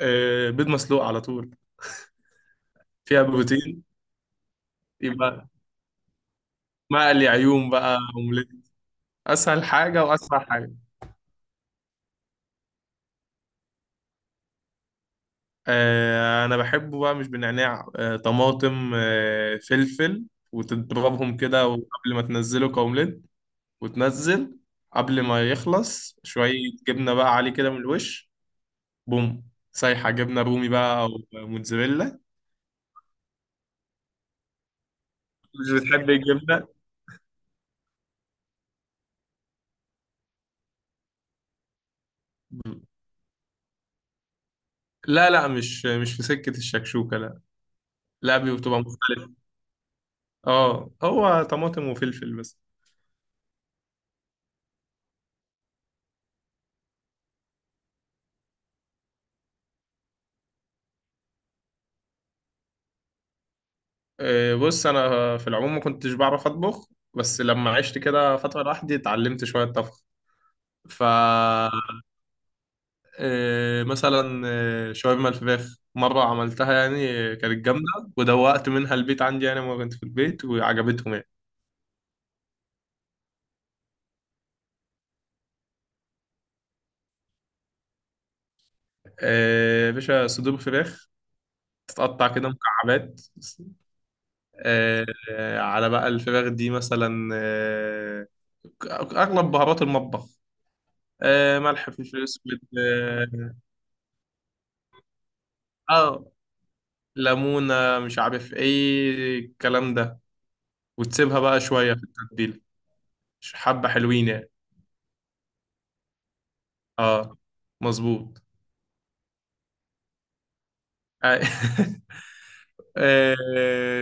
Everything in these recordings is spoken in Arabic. آه، بيض مسلوق على طول. فيها بروتين. يبقى مقلي عيون بقى اومليت. اسهل حاجه واسرع حاجه. انا بحبه بقى، مش بنعناع، طماطم، فلفل، وتضربهم كده، وقبل ما تنزله كاومليت، وتنزل قبل ما يخلص شويه. جبنه بقى عليه كده من الوش، بوم سايحه، جبنه رومي بقى او موتزاريلا. مش بتحب الجبنه؟ لا، لا، مش في سكه الشكشوكه، لا. لا، بتبقى مختلفه. اه، هو طماطم وفلفل بس. بص، انا في العموم ما كنتش بعرف اطبخ، بس لما عشت كده فتره لوحدي اتعلمت شويه طبخ. ف مثلا، شاورما الفراخ مره عملتها، يعني كانت جامده. ودوقت منها البيت عندي، يعني لما كنت في البيت وعجبتهم يعني. يا باشا، صدور فراخ تتقطع كده مكعبات، إيه، على بقى الفراخ دي مثلا، اغلب بهارات المطبخ، ملح، فلفل اسود، اه. آه. ليمونة، مش عارف ايه الكلام ده، وتسيبها بقى شوية في التتبيلة. حبة حلوين يعني. اه، مظبوط. آه.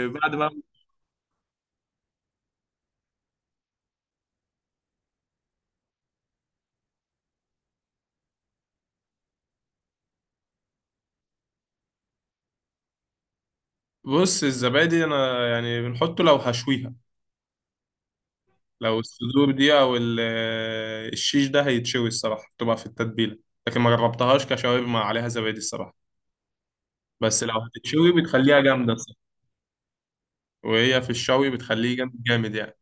بعد ما. بص، الزبادي انا يعني بنحطه لو هشويها، لو الصدور دي او الشيش ده هيتشوي، الصراحة بتبقى في التتبيلة. لكن ما جربتهاش كشاورما عليها زبادي، الصراحة. بس لو هتتشوي بتخليها جامدة، الصراحة. وهي في الشوي بتخليه جامد جامد يعني.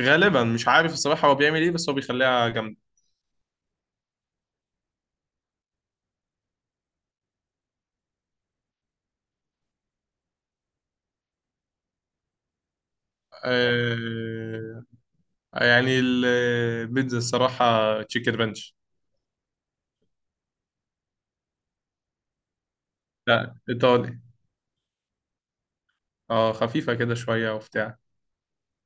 غالبا مش عارف الصراحة هو بيعمل ايه، بس هو بيخليها جامدة. آه. يعني، البيتزا الصراحة تشيكن رانش. لا، إيطالي. اه، خفيفة كده شوية وبتاع،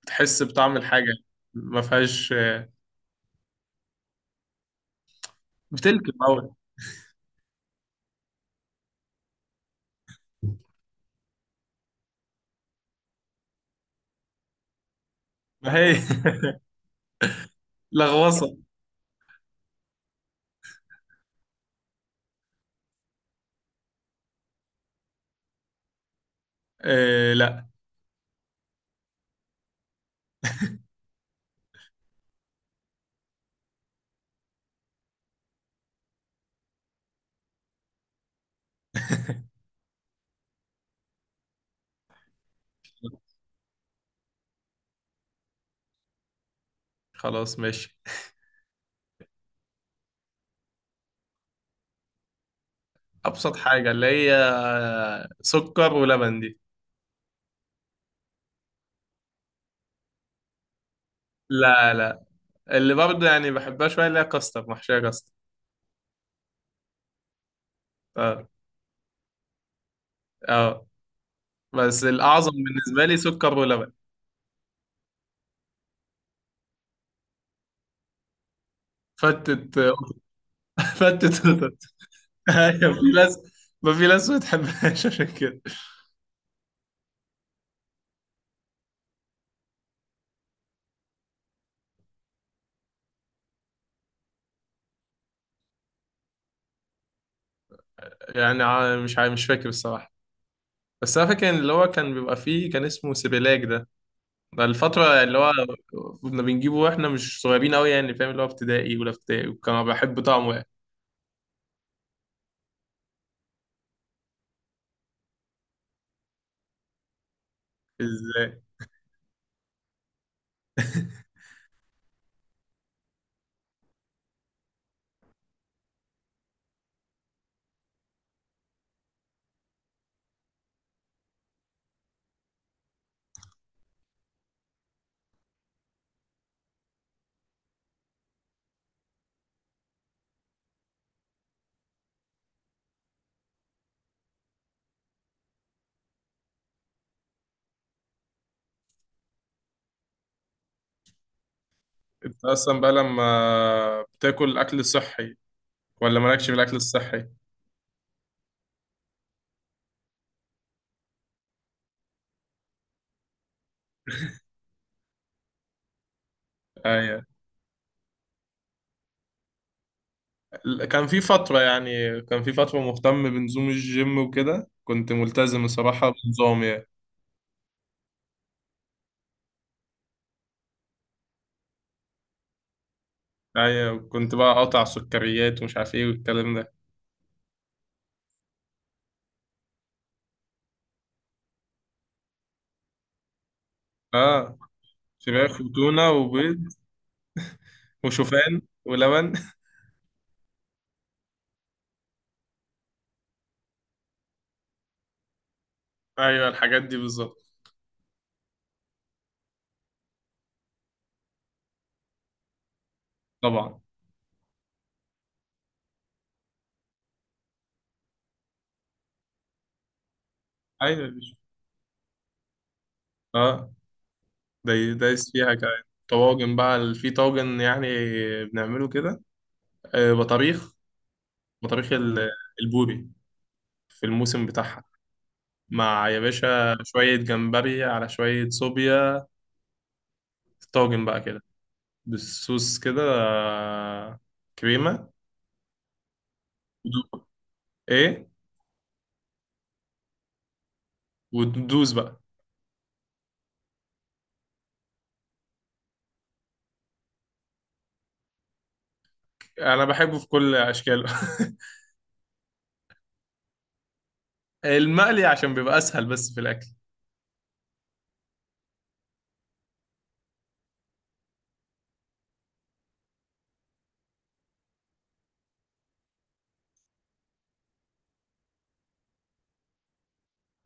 بتحس بطعم الحاجة، ما فيهاش بتلكم أوي، ما هي لغوصة. آه، لا. خلاص ماشي. أبسط حاجة اللي هي سكر ولبن دي. لا، لا، اللي برضه يعني بحبها شوية، اللي هي كاستر، محشية كاستر. اه، اه، بس الأعظم بالنسبة لي سكر ولبن. فتت. فتت. ايوه، في ناس، ما في ناس ما بتحبهاش عشان كده. يعني مش فاكر الصراحه، بس انا فاكر إن اللي هو كان بيبقى فيه، كان اسمه سيبيلاك ده. ده الفتره اللي هو كنا بنجيبه، واحنا مش صغيرين قوي يعني، فاهم اللي هو ابتدائي ولا ابتدائي، وكان بحب طعمه يعني. ازاي؟ انت اصلا بقى لما بتاكل اكل صحي ولا مالكش في الاكل الصحي؟ ايوه. كان في فتره، يعني كان في فتره مهتم بنظام الجيم وكده، كنت ملتزم الصراحه بنظام يعني. ايوه، كنت بقى قاطع سكريات ومش عارف ايه والكلام ده. اه، فراخ وتونة وبيض وشوفان ولبن. ايوه، الحاجات دي بالظبط. طبعا. ايوه، اه، ده دايس فيها كمان طواجن بقى، في طاجن يعني بنعمله كده، آه بطاريخ، بطاريخ البوري في الموسم بتاعها، مع يا باشا شوية جمبري على شوية صوبيا، طاجن بقى كده بالصوص كده، كريمة. ودو- ايه، وتدوس بقى. انا بحبه في كل اشكاله. المقلي عشان بيبقى اسهل بس في الاكل.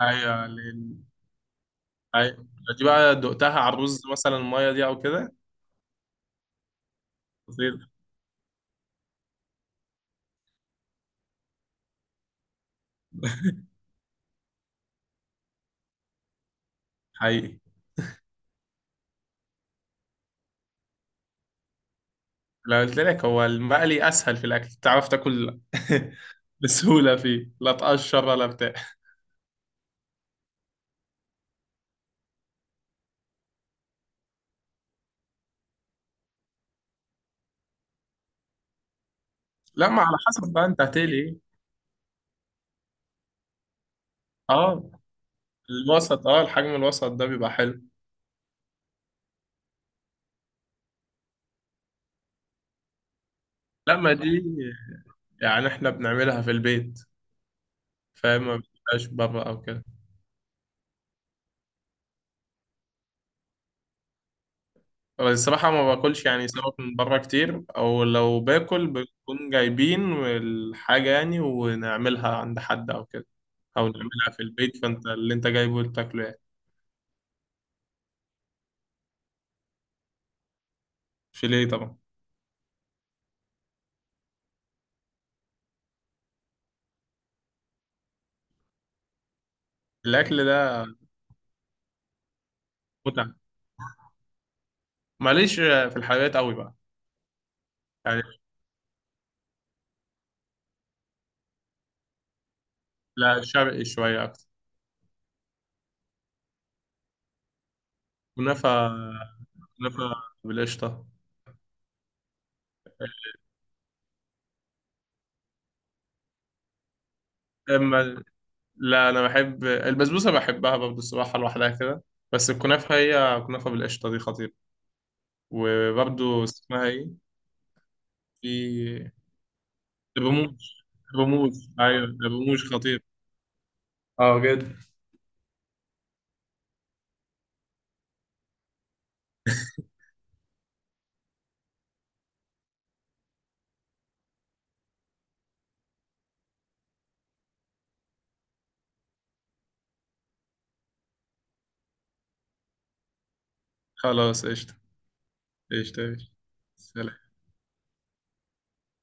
ايوه، ايوه، دي بقى دقتها على الرز مثلا، الميه دي او كده. خطير. حقيقي. لو قلت لك هو المقلي اسهل في الاكل تعرف تاكل بسهوله، فيه لا تقشر ولا بتاع. لا، ما على حسب بقى انت هتقلي ايه. اه، الوسط، اه الحجم الوسط ده بيبقى حلو. لا، ما دي يعني احنا بنعملها في البيت، فما بتبقاش بره او كده. الصراحة ما باكلش يعني سمك من بره كتير، أو لو باكل بنكون جايبين الحاجة يعني ونعملها عند حد أو كده، أو نعملها في البيت، فأنت اللي أنت جايبه تاكله يعني. فيليه طبعا. الأكل ده متعة. ماليش في الحلويات أوي بقى. يعني، لا، شرقي شوية أكتر. كنافة، كنافة بالقشطة. أما لا، أنا بحب البسبوسة، بحبها برضه الصراحة لوحدها كده. بس الكنافة، هي كنافة بالقشطة دي خطيرة. وبرضه اسمها إيه، في بموج. بموج، ايوه، بموج خطير. اه، جدا. خلاص قشطة. قشطة، قشطة. سلام.